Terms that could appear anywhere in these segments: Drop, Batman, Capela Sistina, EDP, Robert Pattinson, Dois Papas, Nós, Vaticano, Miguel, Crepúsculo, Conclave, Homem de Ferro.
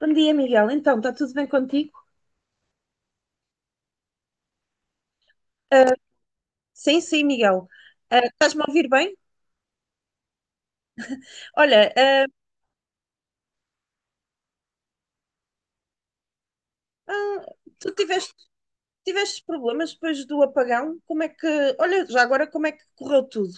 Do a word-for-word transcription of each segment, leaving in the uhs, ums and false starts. Bom dia, Miguel. Então, está tudo bem contigo? Ah, sim, sim, Miguel. Ah, estás-me a ouvir bem? Olha, ah, ah, tu tiveste, tiveste problemas depois do apagão? Como é que. Olha, já agora, como é que correu tudo?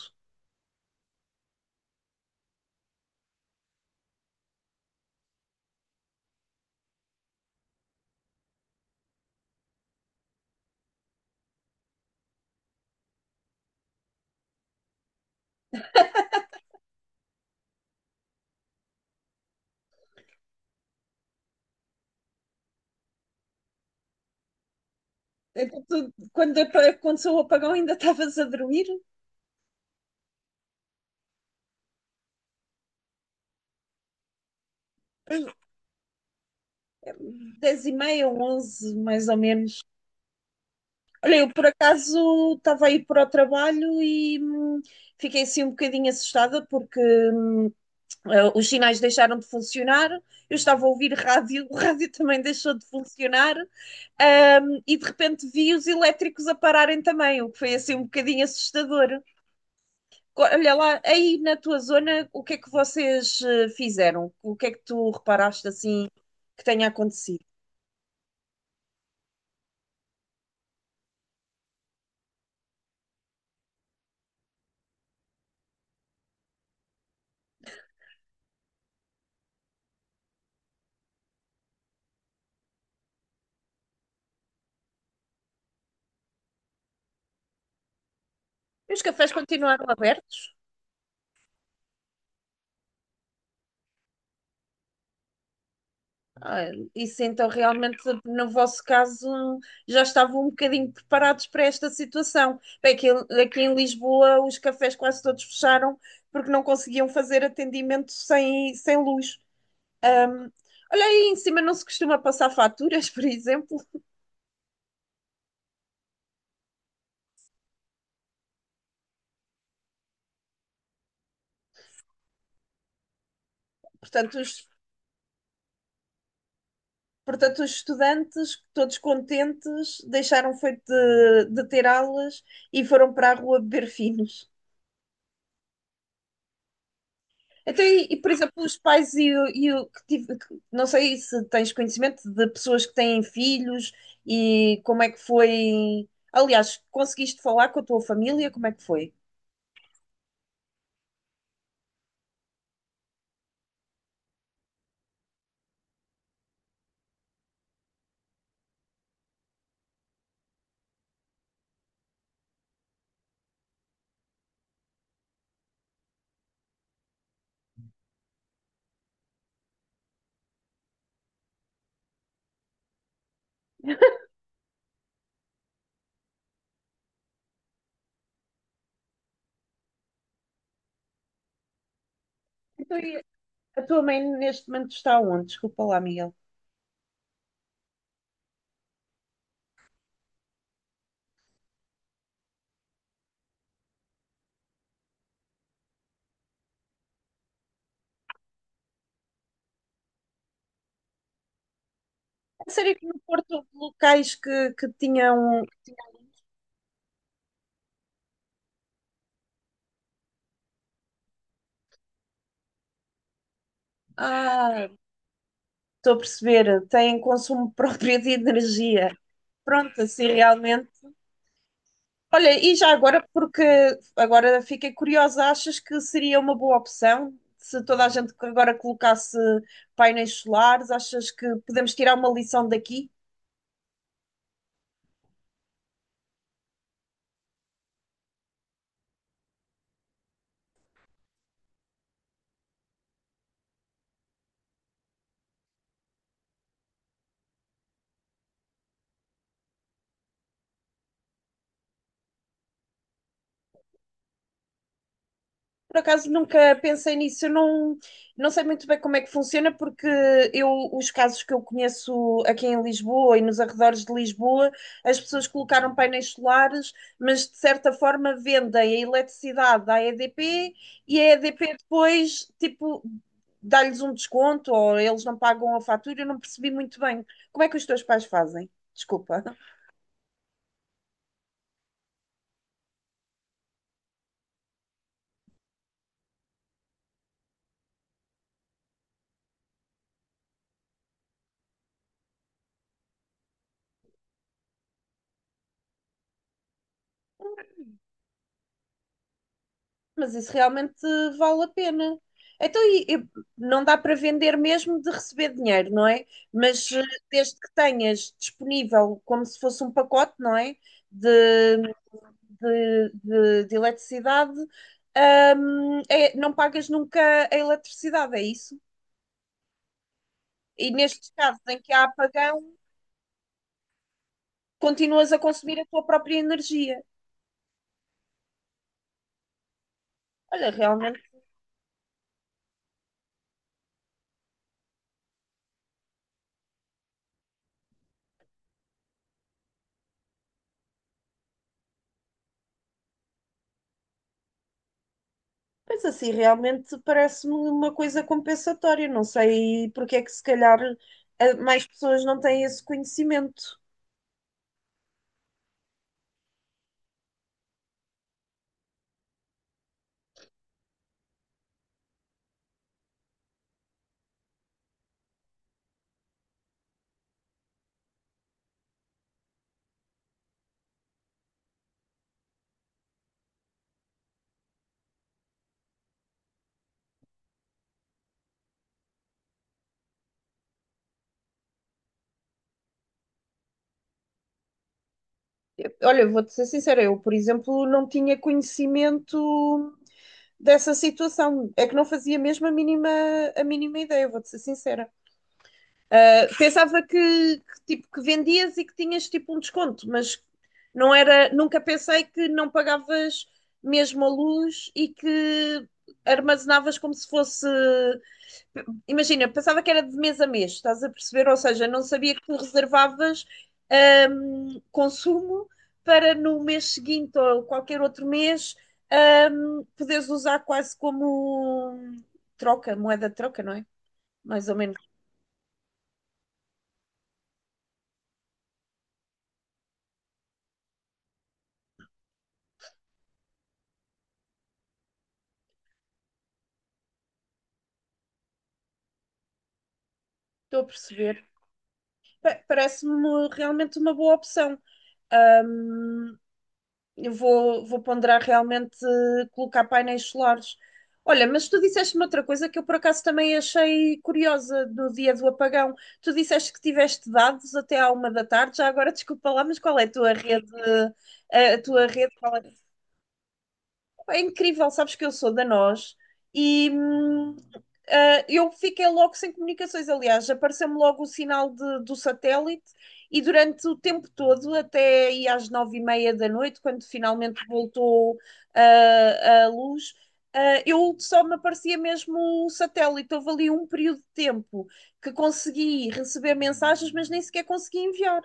Então, tu, quando apa- aconteceu o apagão, ainda estavas a dormir? Dez e meia ou onze, mais ou menos. Olha, eu por acaso estava a ir para o trabalho e hum, fiquei assim um bocadinho assustada porque hum, eh, os sinais deixaram de funcionar, eu estava a ouvir rádio, o rádio também deixou de funcionar, ahm, e de repente vi os elétricos a pararem também, o que foi assim um bocadinho assustador. Co- Olha lá, aí na tua zona, o que é que vocês eh, fizeram? O que é que tu reparaste assim que tenha acontecido? E os cafés continuaram abertos? Ah, isso então realmente, no vosso caso, já estavam um bocadinho preparados para esta situação. Bem, aqui, aqui em Lisboa os cafés quase todos fecharam porque não conseguiam fazer atendimento sem, sem luz. Olha aí, em cima não se costuma passar faturas, por exemplo. Portanto, os, portanto, os estudantes, todos contentes, deixaram feito de, de ter aulas e foram para a rua beber finos. Então, e, e, por exemplo, os pais e, o- e o que tive, que- não sei se tens conhecimento de pessoas que têm filhos e como é que foi. Aliás, conseguiste falar com a tua família? Como é que foi? Então, e a tua mãe neste momento está onde? Desculpa lá, Miguel. A sério que no Porto houve locais que, que tinham. Ah, estou a perceber, têm consumo próprio de energia. Pronto, assim realmente. Olha, e já agora, porque agora fiquei curiosa, achas que seria uma boa opção se toda a gente agora colocasse painéis solares? Achas que podemos tirar uma lição daqui? Por acaso nunca pensei nisso, eu não, não sei muito bem como é que funciona, porque eu, os casos que eu conheço aqui em Lisboa e nos arredores de Lisboa, as pessoas colocaram painéis solares, mas de certa forma vendem a eletricidade à E D P e a E D P depois, tipo, dá-lhes um desconto ou eles não pagam a fatura, eu não percebi muito bem. Como é que os teus pais fazem? Desculpa. Mas isso realmente vale a pena. Então, e- e não dá para vender mesmo de receber dinheiro, não é? Mas eh, desde que tenhas disponível como se fosse um pacote, não é? De, de, de, de eletricidade, hum, é- não pagas nunca a eletricidade, é isso? E nestes casos em que há apagão, continuas a consumir a tua própria energia. Olha, realmente. Pois assim, realmente parece-me uma coisa compensatória. Não sei porque é que se calhar eh, mais pessoas não têm esse conhecimento. Olha, vou-te ser sincera, eu, por exemplo, não tinha conhecimento dessa situação. É que não fazia mesmo a mínima, a mínima ideia, vou-te ser sincera. Ah, pensava que, que, tipo, que vendias e que tinhas tipo um desconto, mas não era, nunca pensei que não pagavas mesmo a luz e que armazenavas como se fosse imagina, pensava que era de mês a mês, estás a perceber? Ou seja, não sabia que tu reservavas hum, consumo para no mês seguinte ou qualquer outro mês hum, poderes usar quase como troca, moeda de troca, não é? Mais ou menos, estou a perceber. Pa- Parece-me realmente uma boa opção. Hum, Eu vou, vou ponderar realmente eh, colocar painéis solares. Olha, mas tu disseste-me outra coisa que eu por acaso também achei curiosa do dia do apagão. Tu disseste que tiveste dados até à uma da tarde, já agora desculpa lá, mas qual é a tua rede? eh, A tua rede? É incrível, sabes que eu sou da Nós e hum, ah, eu fiquei logo sem comunicações. Aliás, apareceu-me logo o sinal de- do satélite e durante o tempo todo, até aí às nove e meia da noite, quando finalmente voltou ah, a luz, ah, eu só me aparecia mesmo o satélite. Houve ali um período de tempo que consegui receber mensagens, mas nem sequer consegui enviar.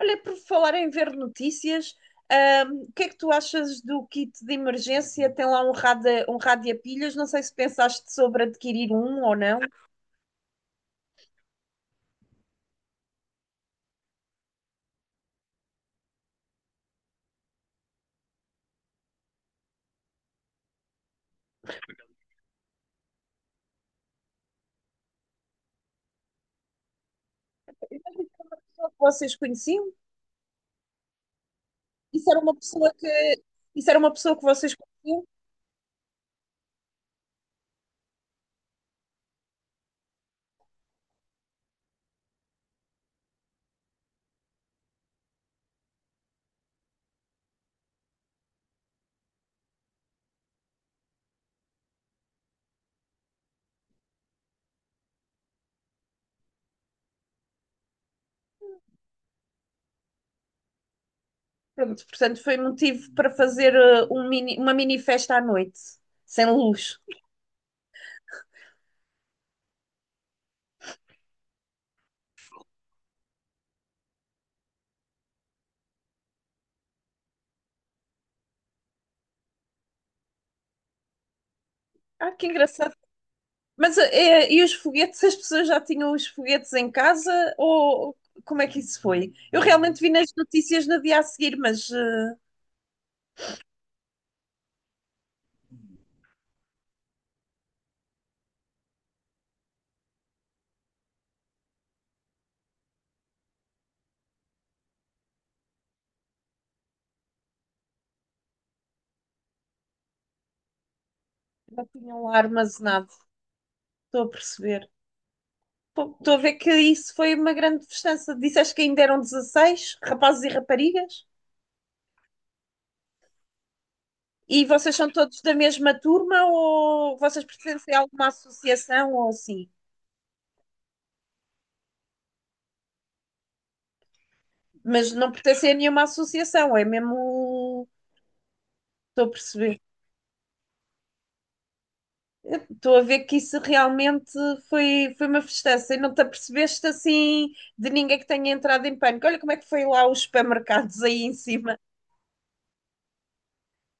Olha, por falar em ver notícias, ahm, o que é que tu achas do kit de emergência? Tem lá um rádio, um rádio a pilhas, não sei se pensaste sobre adquirir um ou não. Eu acho era uma pessoa que vocês conheciam? Isso era uma pessoa que, isso era uma pessoa que vocês conheciam? Pronto, portanto, foi motivo para fazer eh, um mini- uma mini festa à noite, sem luz. Ah, que engraçado. Mas eh, e os foguetes? As pessoas já tinham os foguetes em casa? Ou como é que isso foi? Eu realmente vi nas notícias no dia a seguir, mas eh, já tinham lá armazenado. Estou a perceber. Pô, estou a ver que isso foi uma grande festança. Disseste que ainda eram dezasseis rapazes e raparigas? E vocês são todos da mesma turma ou vocês pertencem a alguma associação ou assim? Mas não pertencem a nenhuma associação, é mesmo. Estou a perceber. Estou a ver que isso realmente foi, foi uma festança e não te apercebeste assim de ninguém que tenha entrado em pânico. Olha como é que foi lá os supermercados aí em cima.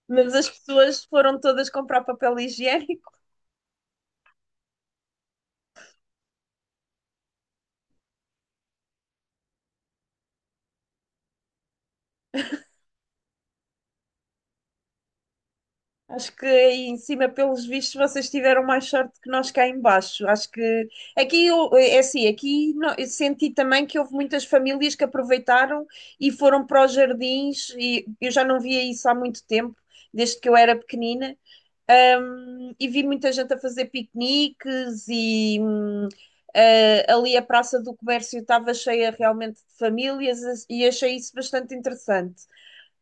Mas as pessoas foram todas comprar papel higiênico. Acho que aí em cima, pelos vistos, vocês tiveram mais sorte que nós cá em baixo. Acho que aqui eu- é assim, aqui no- eu senti também que houve muitas famílias que aproveitaram e foram para os jardins e eu já não via isso há muito tempo desde que eu era pequenina. Um, e vi muita gente a fazer piqueniques e hum, eh, ali a Praça do Comércio estava cheia realmente de famílias e achei isso bastante interessante.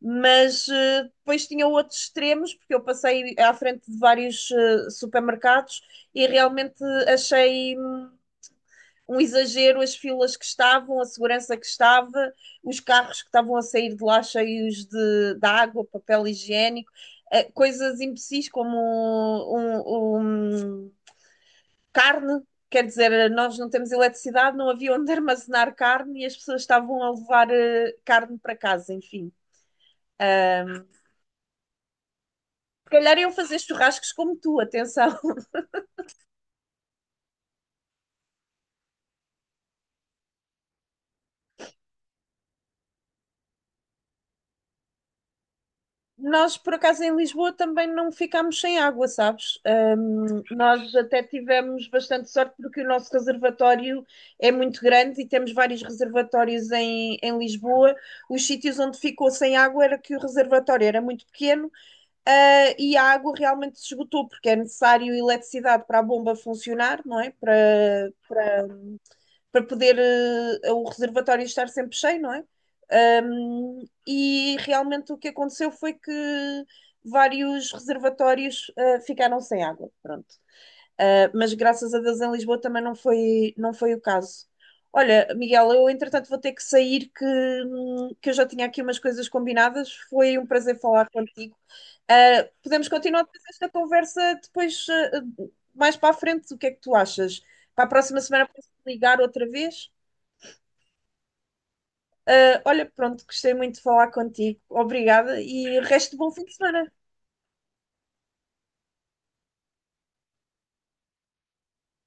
Mas eh, depois tinha outros extremos, porque eu passei à frente de vários eh, supermercados e realmente achei um exagero as filas que estavam, a segurança que estava, os carros que estavam a sair de lá cheios de, de água, papel higiênico, eh, coisas imbecis como um, um- um, carne. Quer dizer, nós não temos eletricidade, não havia onde armazenar carne e as pessoas estavam a levar eh, carne para casa, enfim. Se calhar iam fazer churrascos como tu, atenção. Nós, por acaso, em Lisboa também não ficámos sem água, sabes? Hum, Nós até tivemos bastante sorte porque o nosso reservatório é muito grande e temos vários reservatórios em, em Lisboa. Os sítios onde ficou sem água era que o reservatório era muito pequeno, ah, e a água realmente se esgotou, porque é necessário eletricidade para a bomba funcionar, não é? Para, para poder eh, o reservatório estar sempre cheio, não é? Um, e realmente o que aconteceu foi que vários reservatórios eh, ficaram sem água. Pronto. Uh, mas graças a Deus em Lisboa também não foi, não foi o caso. Olha, Miguel, eu entretanto vou ter que sair, que, hum, que eu já tinha aqui umas coisas combinadas. Foi um prazer falar contigo. Uh, podemos continuar depois esta conversa depois, uh, mais para a frente. O que é que tu achas? Para a próxima semana posso ligar outra vez? Uh, olha, pronto, gostei muito de falar contigo. Obrigada e resto de bom fim de semana.